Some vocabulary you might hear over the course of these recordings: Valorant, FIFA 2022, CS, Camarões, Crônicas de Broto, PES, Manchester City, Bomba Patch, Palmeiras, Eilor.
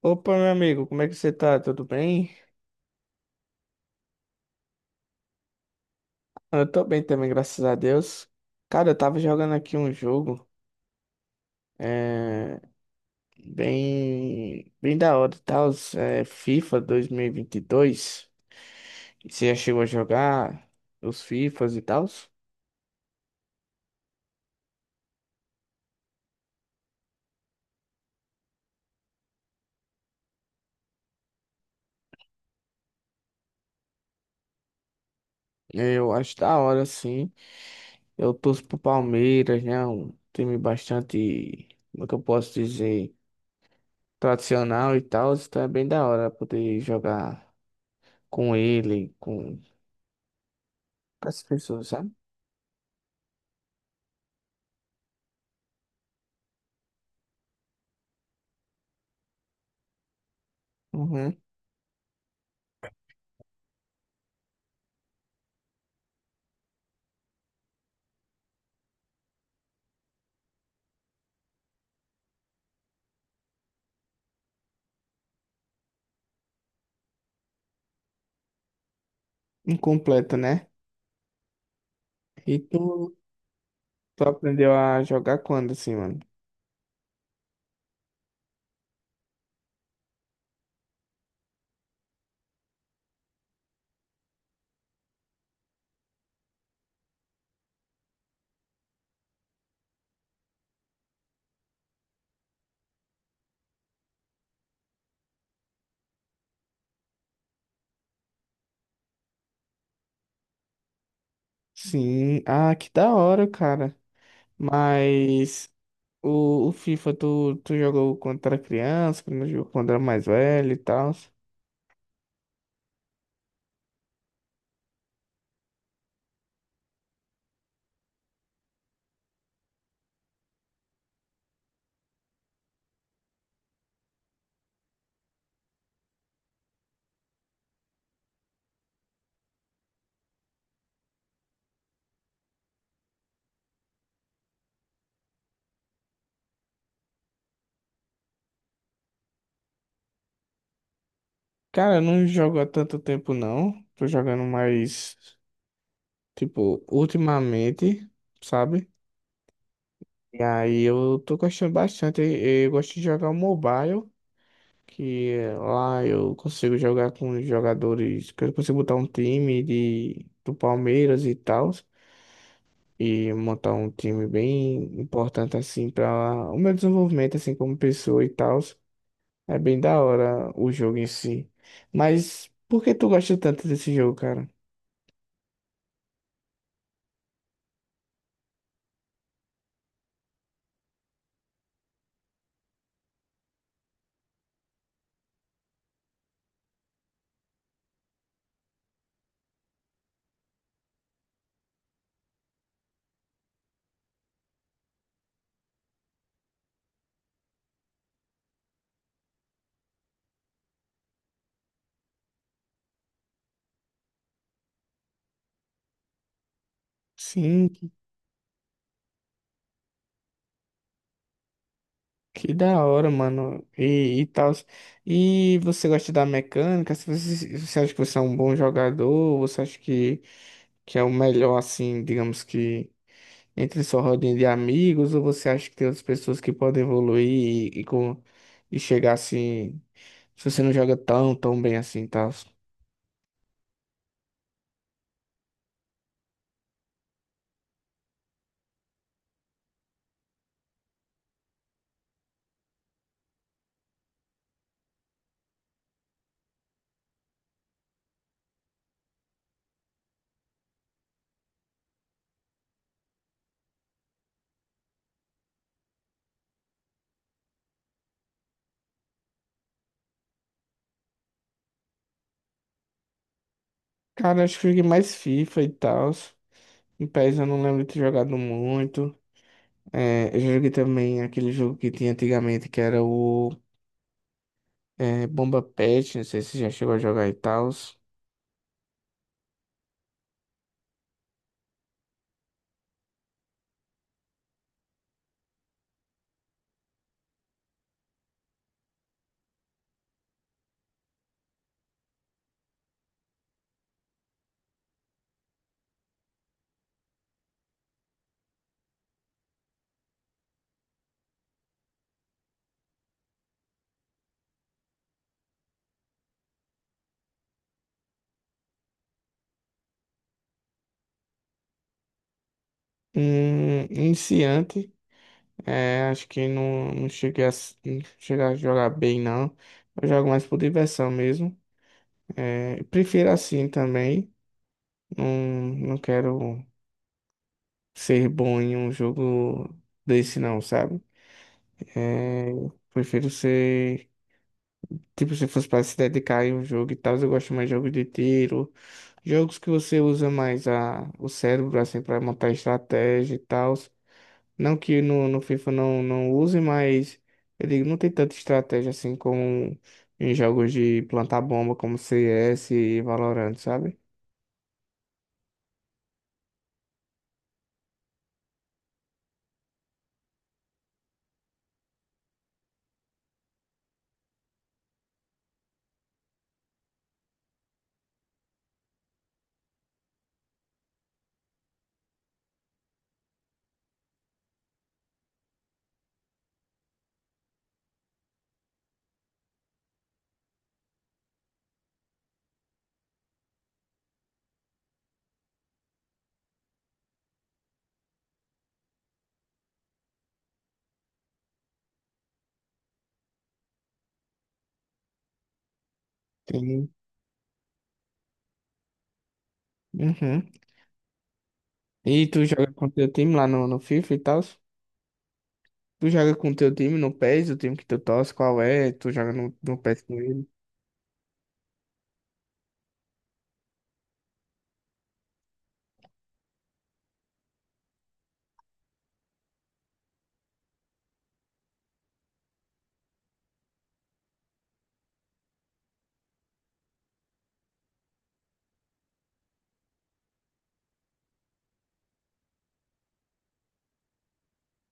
Opa, meu amigo, como é que você tá? Tudo bem? Eu tô bem também, graças a Deus. Cara, eu tava jogando aqui um jogo, é, bem, bem da hora, tá? FIFA 2022. Você já chegou a jogar os FIFAs e tal? Eu acho da hora, sim. Eu torço pro Palmeiras, né? Um time bastante, como é que eu posso dizer, tradicional e tal. Então é bem da hora poder jogar com ele, com as pessoas, sabe? Uhum. Incompleto, né? E tu aprendeu a jogar quando, assim, mano? Sim. Ah, que da hora, cara. Mas o FIFA, tu jogou quando era criança, quando jogou quando era mais velho e tal. Cara, eu não jogo há tanto tempo, não. Tô jogando mais, tipo, ultimamente, sabe? E aí eu tô gostando bastante. Eu gosto de jogar o mobile. Que lá eu consigo jogar com os jogadores, que eu consigo botar um time do Palmeiras e tal, e montar um time bem importante assim para o meu desenvolvimento assim como pessoa e tal. É bem da hora o jogo em si. Mas por que tu gosta tanto desse jogo, cara? Sim, que da hora, mano. E tal. E você gosta da mecânica? Se Você, você acha que você é um bom jogador? Você acha que é o melhor, assim, digamos que, entre sua rodinha de amigos, ou você acha que tem outras pessoas que podem evoluir e, e, com, e chegar assim, se você não joga tão bem assim e tal? Cara, acho que eu joguei mais FIFA e tal. Em PES eu não lembro de ter jogado muito. É, eu joguei também aquele jogo que tinha antigamente, que era o Bomba Patch, não sei se já chegou a jogar e tal. Iniciante, acho que não, não cheguei a jogar bem, não. Eu jogo mais por diversão mesmo. Prefiro assim também. Não, não quero ser bom em um jogo desse não, sabe? É, Prefiro ser. Tipo, se fosse para se dedicar em um jogo e tal, eu gosto mais de jogos de tiro, jogos que você usa mais o cérebro, assim, para montar estratégia e tal. Não que no FIFA não, não use, mas eu digo, não tem tanta estratégia assim como em jogos de plantar bomba, como CS e Valorant, sabe? Tem. Uhum. E tu joga com teu time lá no FIFA e tal? Tu joga com teu time no PES, o time que tu torce, qual é? Tu joga no PES com ele?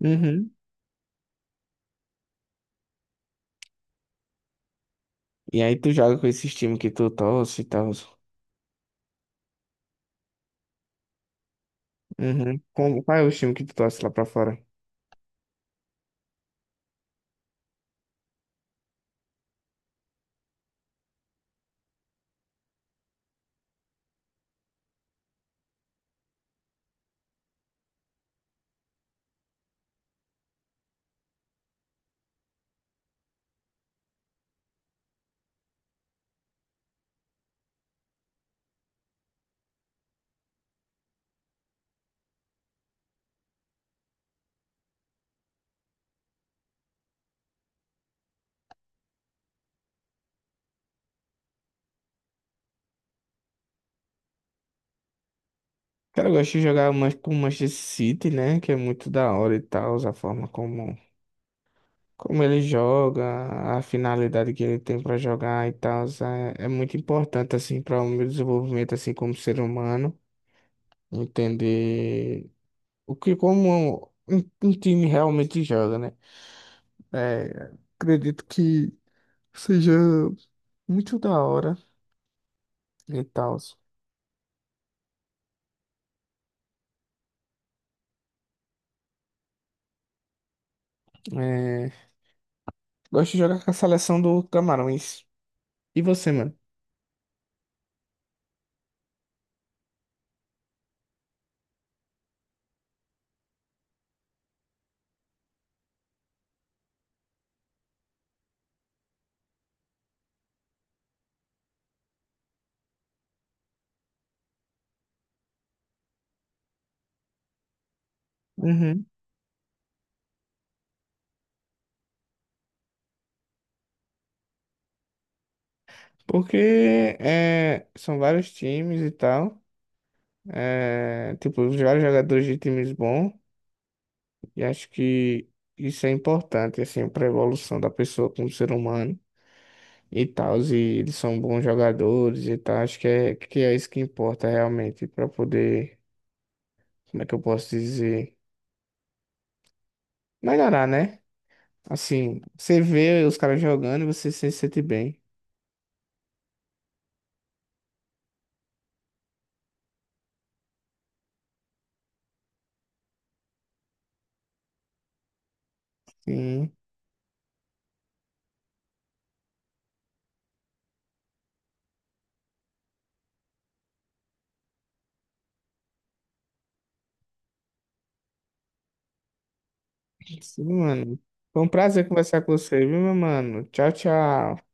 Uhum. E aí tu joga com esses times que tu torce e tal? Uhum. Qual é o time que tu torce lá pra fora? Cara, eu gosto de jogar mais com o Manchester City, né? Que é muito da hora e tal, a forma como ele joga, a finalidade que ele tem pra jogar e tal, é muito importante, assim, para o meu desenvolvimento, assim, como ser humano, entender o que como um time realmente joga, né? É, Acredito que seja muito da hora e tal. É, Gosto de jogar com a seleção do Camarões. E você, mano? Uhum. Porque são vários times e tal. Tipo, vários jogadores de times bons. E acho que isso é importante, assim, para a evolução da pessoa como ser humano, e tal, e eles são bons jogadores e tal. Acho que que é isso que importa realmente para poder, como é que eu posso dizer, melhorar, né? Assim, você vê os caras jogando e você se sente bem. Sim, sim, mano. Foi um prazer conversar com você, viu, meu mano? Tchau, tchau.